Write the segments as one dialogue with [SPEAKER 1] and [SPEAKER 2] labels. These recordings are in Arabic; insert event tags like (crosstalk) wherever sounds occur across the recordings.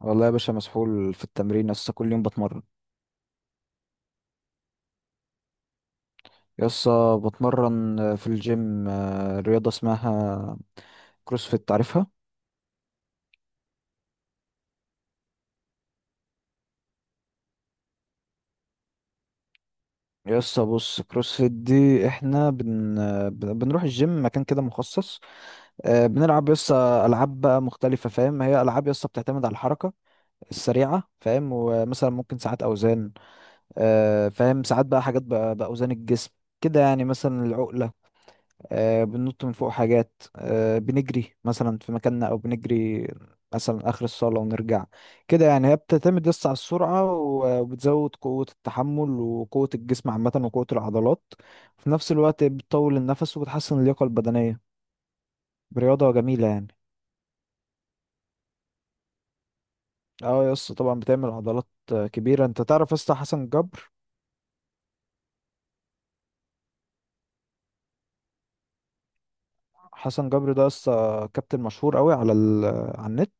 [SPEAKER 1] والله يا باشا مسحول في التمرين، يسا كل يوم بتمرن. يسا بتمرن في الجيم، رياضة اسمها كروسفيت، عارفها؟ يسا بص، كروسفيت دي احنا بنروح الجيم، مكان كده مخصص، بنلعب يسا ألعاب بقى مختلفة، فاهم؟ هي ألعاب يسا بتعتمد على الحركة السريعة، فاهم؟ ومثلا ممكن ساعات أوزان، فاهم؟ ساعات بقى حاجات بقى بأوزان الجسم كده يعني، مثلا العقلة، بننط من فوق حاجات، بنجري مثلا في مكاننا او بنجري مثلا اخر الصاله ونرجع. كده يعني هي بتعتمد بس على السرعه، وبتزود قوه التحمل وقوه الجسم عامه وقوه العضلات في نفس الوقت، بتطول النفس وبتحسن اللياقه البدنيه. رياضه جميله يعني. اه يا اسطى طبعا بتعمل عضلات كبيره. انت تعرف يا اسطى حسن جبر؟ حسن جبر ده يا اسطى كابتن مشهور قوي على على النت.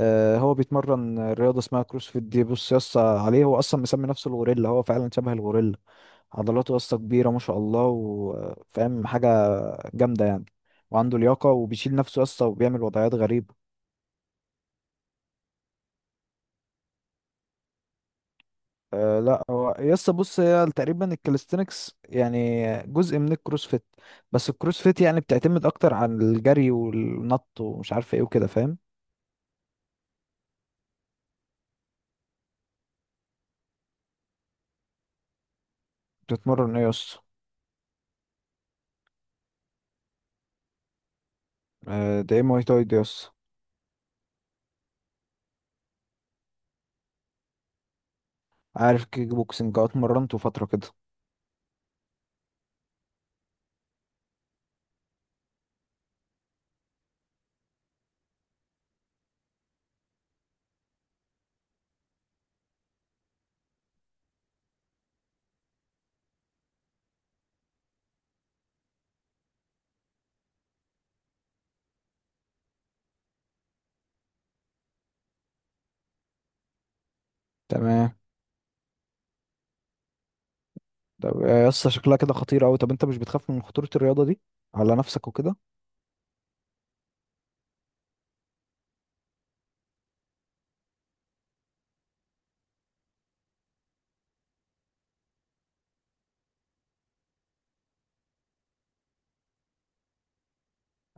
[SPEAKER 1] هو بيتمرن رياضة اسمها كروسفيت دي. بص يا اسطى عليه، هو أصلا مسمي نفسه الغوريلا، هو فعلا شبه الغوريلا. عضلاته يا اسطى كبيرة ما شاء الله، وفاهم حاجة جامدة يعني، وعنده لياقة وبيشيل نفسه يا اسطى، وبيعمل وضعيات غريبة. أه لا، هو يا اسطى بص، هي تقريبا الكاليستينكس يعني جزء من الكروسفيت، بس الكروسفيت يعني بتعتمد أكتر عن الجري والنط ومش عارف ايه وكده، فاهم؟ بتتمرن ايه يا اسطى؟ ده ايه مواي تاي ده يا اسطى؟ عارف كيك بوكسنج، اه اتمرنته فترة كده. تمام. طب يا اسطى شكلها كده خطيرة أوي، طب أنت مش بتخاف من خطورة الرياضة دي على نفسك وكده؟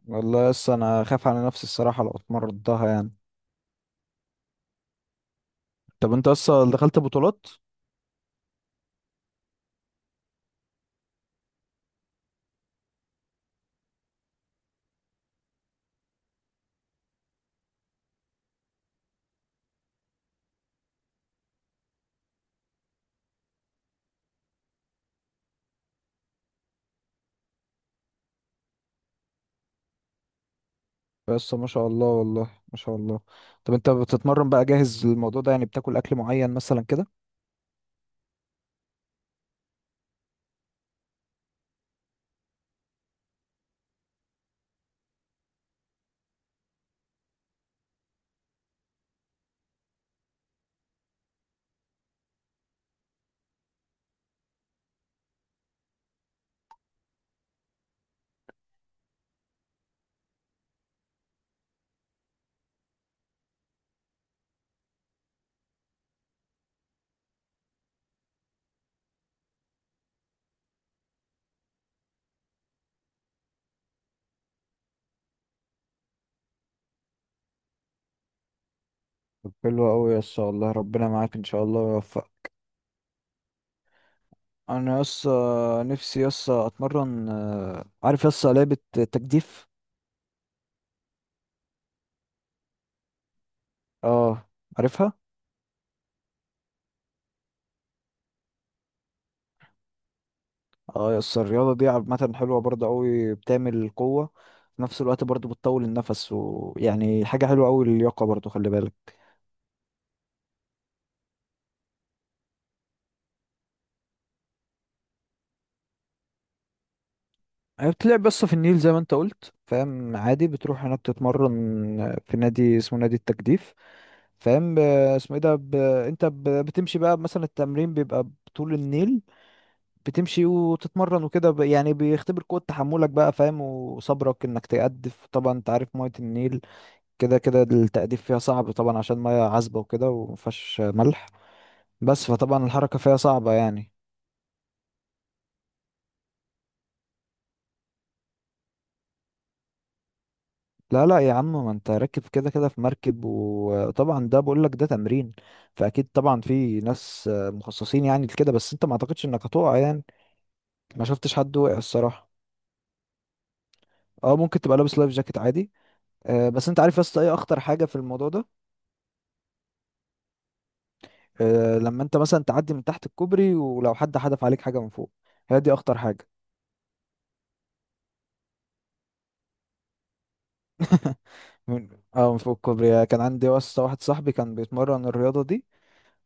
[SPEAKER 1] والله يا اسطى أنا خايف على نفسي الصراحة لو اتمرضتها يعني. طب أنت اصلا دخلت بطولات؟ يا اسطى ما شاء الله والله، ما شاء الله. طب أنت بتتمرن بقى جاهز للموضوع ده يعني، بتاكل أكل معين مثلا كده؟ طب حلو أوي يا اسطى، والله ربنا معاك إن شاء الله ويوفقك. أنا يا اسطى، نفسي يا اسطى أتمرن. عارف يا اسطى لعبة تجديف؟ أه. عارفها؟ اه يس، الرياضة دي عامة حلوة برضه أوي، بتعمل قوة في نفس الوقت، برضه بتطول النفس، ويعني حاجة حلوة أوي. اللياقة برضه خلي بالك. هي بتلعب بس في النيل زي ما انت قلت، فاهم؟ عادي، بتروح هناك تتمرن في نادي اسمه نادي التجديف، فاهم؟ اسمه ايه ده، بتمشي بقى مثلا. التمرين بيبقى بطول النيل، بتمشي وتتمرن وكده، يعني بيختبر قوة تحملك بقى، فاهم؟ وصبرك انك تقدف. طبعا انت عارف مية النيل كده كده التأديب فيها صعب طبعا، عشان مية عذبة وكده ومفيهاش ملح بس، فطبعا الحركة فيها صعبة يعني. لا لا يا عم، ما انت راكب كده كده في مركب، وطبعا ده بقول لك ده تمرين، فأكيد طبعا في ناس مخصصين يعني لكده، بس انت ما اعتقدش انك هتقع يعني. ما شفتش حد وقع الصراحة. اه ممكن تبقى لابس لايف جاكيت عادي. آه بس انت عارف يا اسطى ايه اخطر حاجة في الموضوع ده؟ آه لما انت مثلا تعدي من تحت الكوبري، ولو حد حدف عليك حاجة من فوق، هي دي اخطر حاجة. من، اه من فوق الكوبري. كان عندي واسطة واحد صاحبي كان بيتمرن الرياضة دي،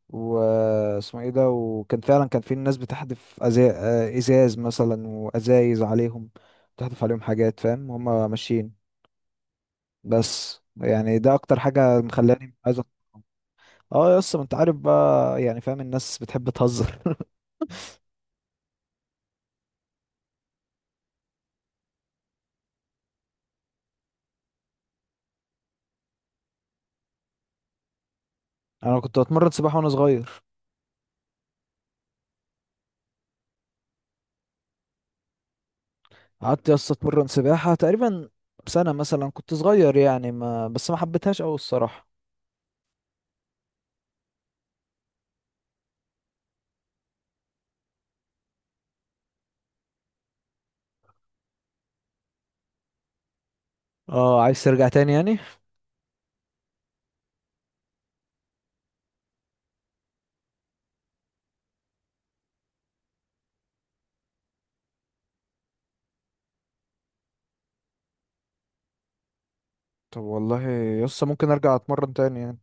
[SPEAKER 1] واسمه ايه ده، وكان فعلا كان في ناس ازاز مثلا، وازايز عليهم، بتحدف عليهم حاجات، فاهم؟ هما ماشيين. بس يعني ده اكتر حاجة مخلاني عايز اه يا اسطى ما انت عارف بقى يعني، فاهم؟ الناس بتحب تهزر. (laughs) انا كنت بتمرن سباحة وانا صغير. قعدت يا اسطى اتمرن سباحة تقريبا سنة مثلا، كنت صغير يعني، ما بس ما حبيتهاش قوي الصراحة. اه عايز ترجع تاني يعني. طب والله يسا ممكن ارجع اتمرن تاني يعني.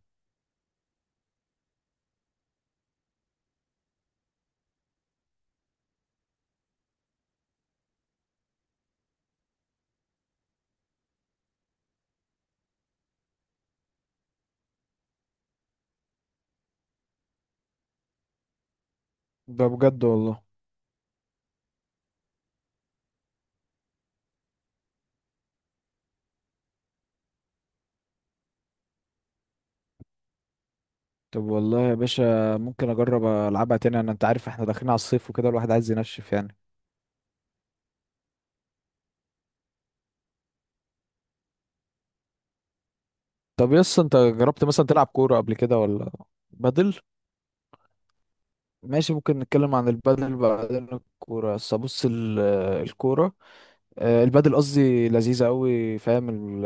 [SPEAKER 1] ده بجد والله. طب والله يا باشا ممكن اجرب العبها تاني انا، انت عارف احنا داخلين على الصيف وكده، الواحد عايز ينشف يعني. طب يسا انت جربت مثلا تلعب كورة قبل كده ولا بدل؟ ماشي، ممكن نتكلم عن البدل بعدين. الكورة بس بص، الكورة، البدل قصدي لذيذة قوي، فاهم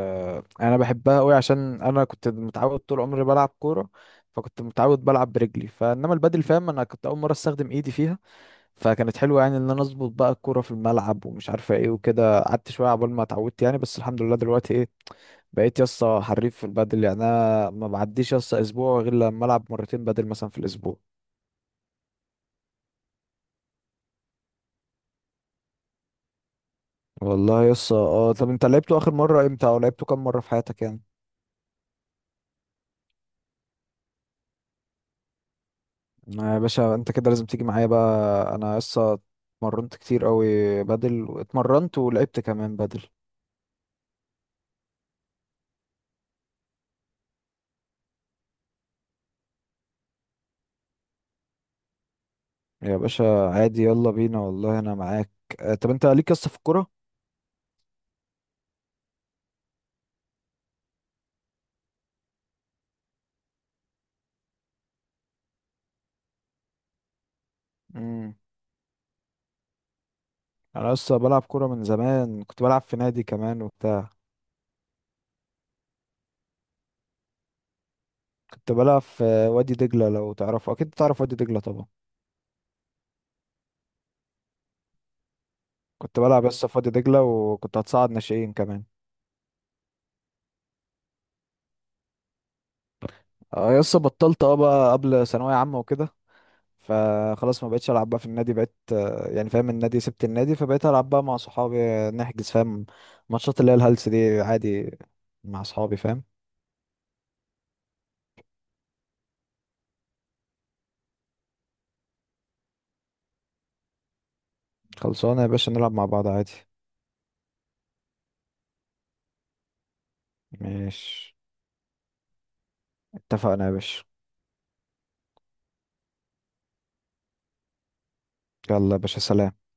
[SPEAKER 1] انا بحبها قوي عشان انا كنت متعود طول عمري بلعب كورة، فكنت متعود بلعب برجلي. فانما البدل فاهم، انا كنت اول مرة استخدم ايدي فيها، فكانت حلوه يعني، ان انا اظبط بقى الكوره في الملعب ومش عارفه ايه وكده. قعدت شويه عقبال ما اتعودت يعني، بس الحمد لله دلوقتي ايه، بقيت يسطا حريف في البادل يعني. انا ما بعديش يسطا اسبوع غير لما العب مرتين بادل مثلا في الاسبوع. والله يسطا اه. طب انت لعبته اخر مره امتى، او لعبته كام مره في حياتك يعني؟ آه يا باشا انت كده لازم تيجي معايا بقى. انا يسطا اتمرنت كتير قوي بادل، واتمرنت ولعبت كمان بادل. يا باشا عادي، يلا بينا والله انا معاك. آه طب انت ليك يسطا في الكوره؟ يعني انا لسه بلعب كوره من زمان، كنت بلعب في نادي كمان وبتاع. كنت بلعب في وادي دجله، لو تعرفه، اكيد تعرف وادي دجله طبعا. كنت بلعب لسه في وادي دجله، وكنت هتصعد ناشئين كمان. اه لسه بطلت، اه بقى قبل ثانويه عامه وكده، فخلاص ما بقتش العب بقى في النادي. بقيت يعني فاهم النادي، سبت النادي، فبقيت العب بقى مع صحابي، نحجز فاهم ماتشات اللي هي الهلس دي عادي مع صحابي، فاهم؟ خلصانه يا باشا، نلعب مع بعض عادي. ماشي اتفقنا يا باشا. يلا يا باشا سلام.